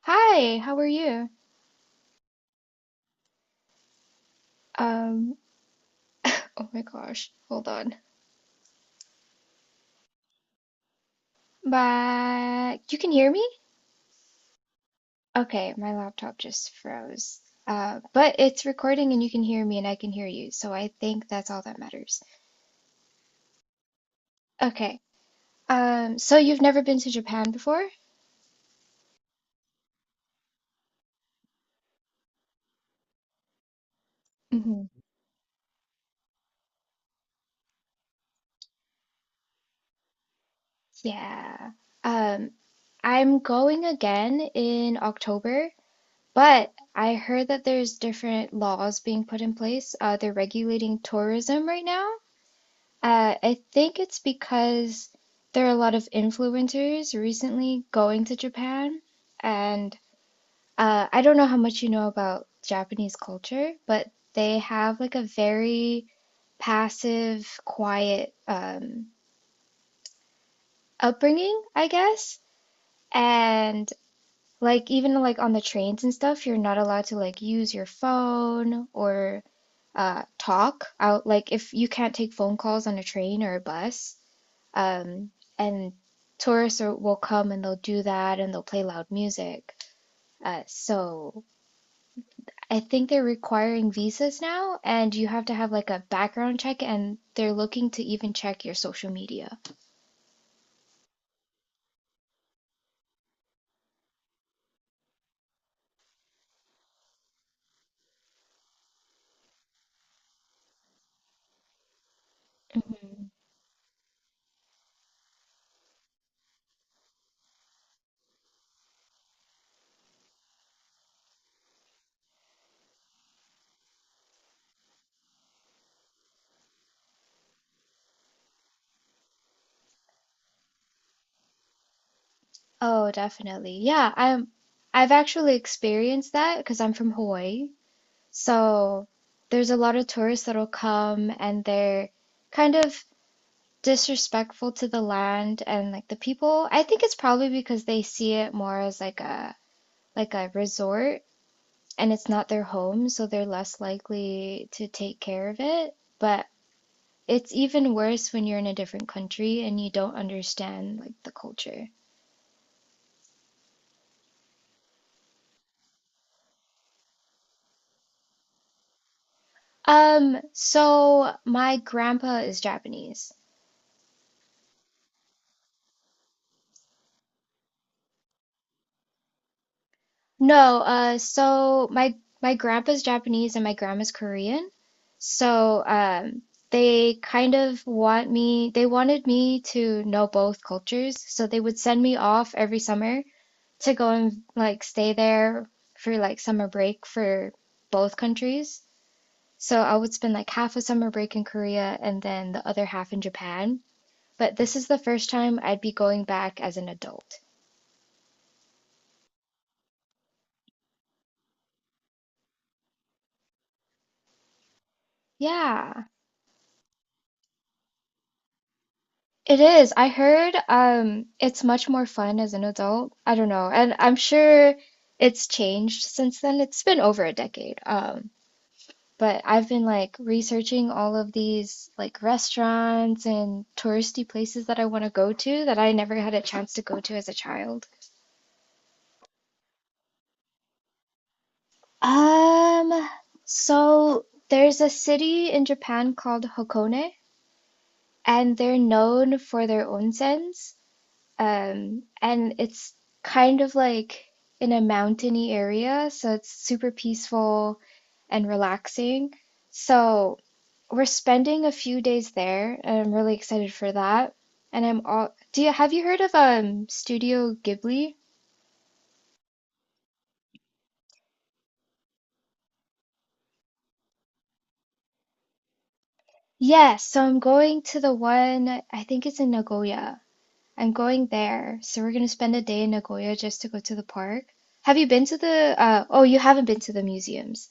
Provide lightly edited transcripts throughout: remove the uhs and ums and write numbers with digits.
Hi, how are you? Um, oh my gosh, hold on. But you can hear me? Okay, my laptop just froze. But it's recording and you can hear me and I can hear you, so I think that's all that matters. Okay. So you've never been to Japan before? Hmm. Yeah. Um, I'm going again in October, but I heard that there's different laws being put in place. They're regulating tourism right now. I think it's because there are a lot of influencers recently going to Japan, and I don't know how much you know about Japanese culture, but they have like a very passive, quiet upbringing, I guess. And like even like on the trains and stuff, you're not allowed to like use your phone or talk out. Like if you can't take phone calls on a train or a bus. Um, and tourists are, will come and they'll do that and they'll play loud music. So I think they're requiring visas now, and you have to have like a background check, and they're looking to even check your social media. Mhm. Oh, definitely. Yeah, I've actually experienced that because I'm from Hawaii. So there's a lot of tourists that'll come and they're kind of disrespectful to the land and like the people. I think it's probably because they see it more as like a resort and it's not their home, so they're less likely to take care of it. But it's even worse when you're in a different country and you don't understand like the culture. So my grandpa is Japanese. No, my grandpa's Japanese and my grandma's Korean. So, they wanted me to know both cultures. So they would send me off every summer to go and like stay there for like summer break for both countries. So I would spend like half a summer break in Korea and then the other half in Japan. But this is the first time I'd be going back as an adult. Yeah. It is. I heard it's much more fun as an adult. I don't know. And I'm sure it's changed since then. It's been over a decade. But I've been like researching all of these like restaurants and touristy places that I want to go to that I never had a chance to go to as a child. Um, so there's a city in Japan called Hokone, and they're known for their onsens. And it's kind of like in a mountainy area, so it's super peaceful and relaxing. So we're spending a few days there, and I'm really excited for that. And I'm all, do you have you heard of Studio Ghibli? Yes, so I'm going to the one, I think it's in Nagoya. I'm going there. So we're gonna spend a day in Nagoya just to go to the park. Have you been to the you haven't been to the museums.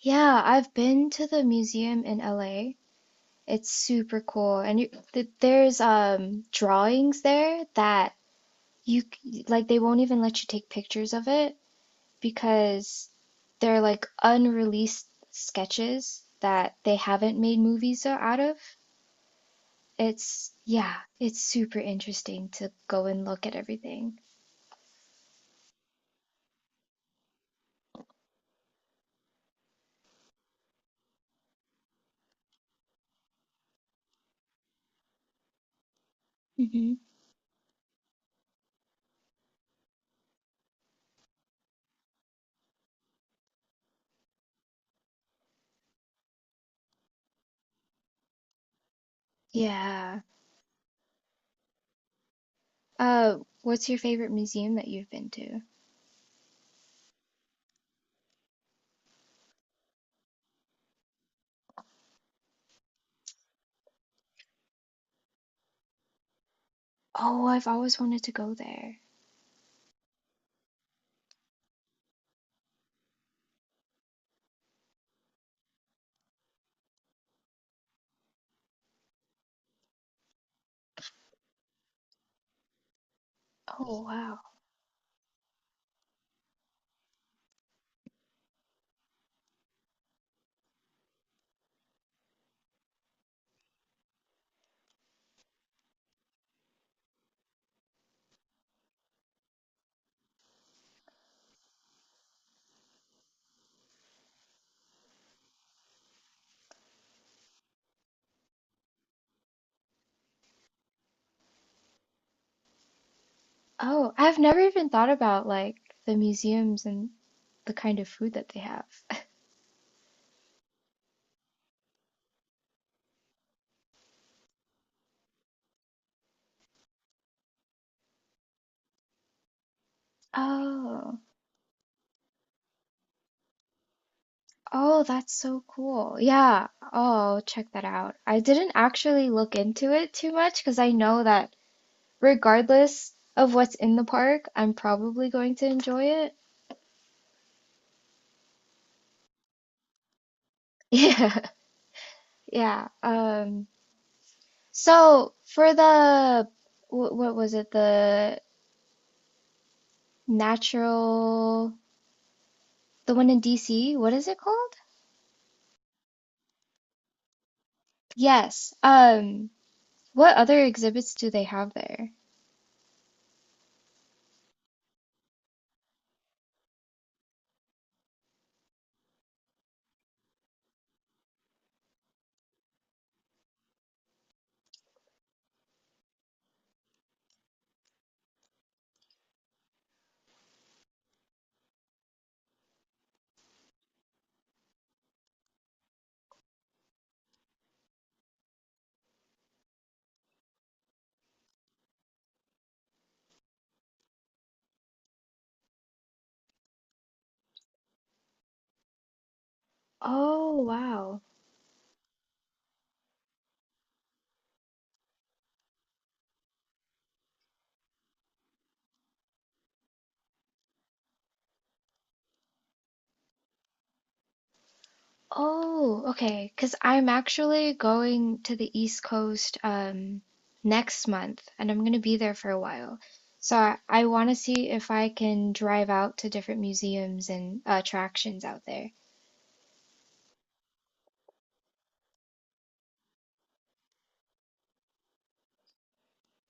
Yeah, I've been to the museum in LA. It's super cool. And you, th there's drawings there that like they won't even let you take pictures of it because they're like unreleased sketches that they haven't made movies out of. It's super interesting to go and look at everything. Hmm. Yeah. What's your favorite museum that you've been to? Oh, I've always wanted to go there. Oh, wow. Oh, I've never even thought about like the museums and the kind of food that they have. Oh, oh, that's so cool. Yeah. Oh, I'll check that out. I didn't actually look into it too much because I know that regardless of what's in the park, I'm probably going to enjoy it. Yeah. Yeah. So for the what was it? The natural, the one in DC, what is it called? Yes. What other exhibits do they have there? Oh, wow. Oh, okay. Because I'm actually going to the East Coast next month and I'm going to be there for a while. So I want to see if I can drive out to different museums and attractions out there.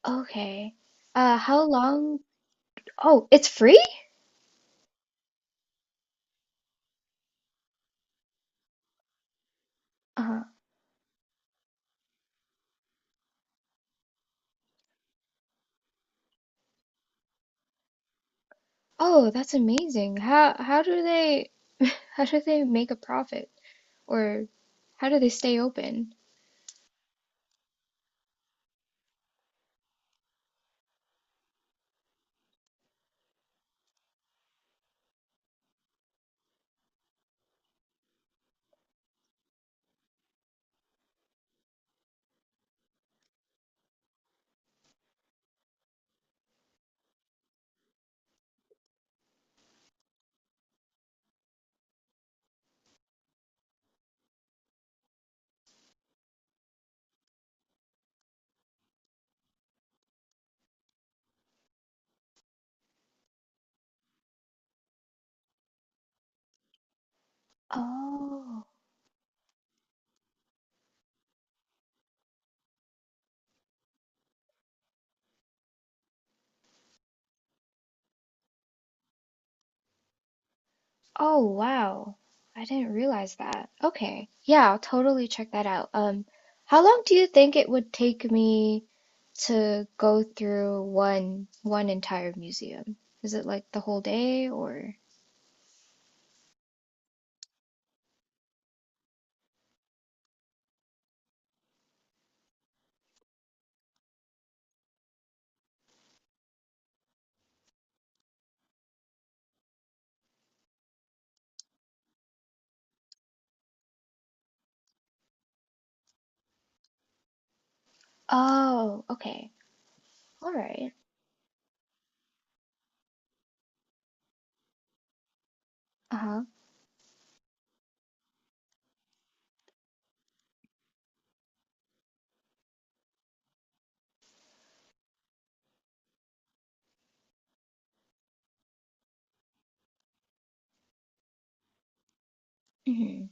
Okay. How long? Oh, it's free? Uh, oh, that's amazing. How do they how do they make a profit? Or how do they stay open? Oh. Oh wow. I didn't realize that. Okay. Yeah, I'll totally check that out. How long do you think it would take me to go through one entire museum? Is it like the whole day or? Oh, okay. All right. Uh-huh. Hmm.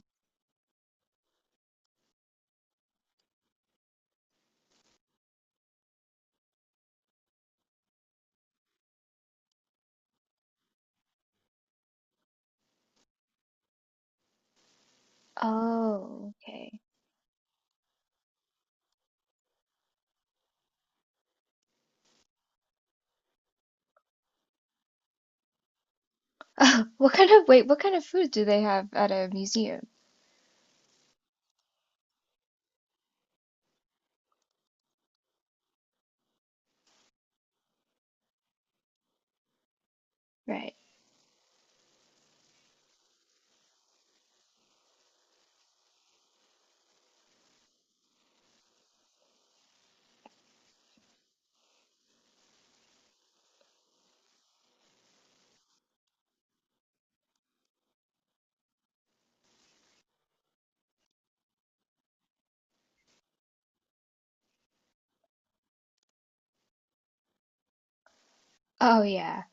Oh, okay. What kind of, wait, what kind of food do they have at a museum? Right. Oh yeah.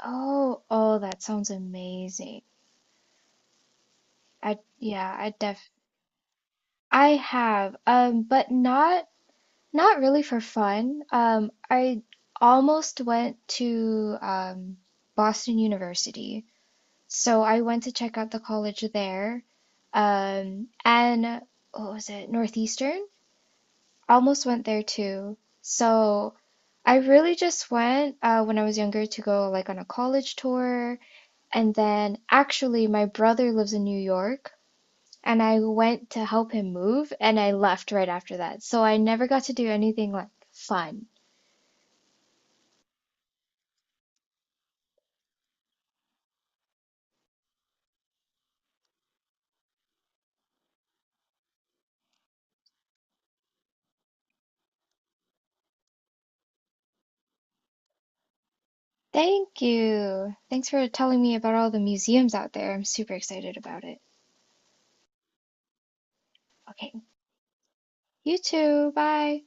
Oh, oh, that sounds amazing. I definitely I have, but not not really for fun. I almost went to Boston University, so I went to check out the college there. And what was it? Northeastern? Almost went there too. So I really just went when I was younger to go like on a college tour, and then actually my brother lives in New York and I went to help him move and I left right after that. So I never got to do anything like fun. Thank you. Thanks for telling me about all the museums out there. I'm super excited about it. Okay. You too. Bye.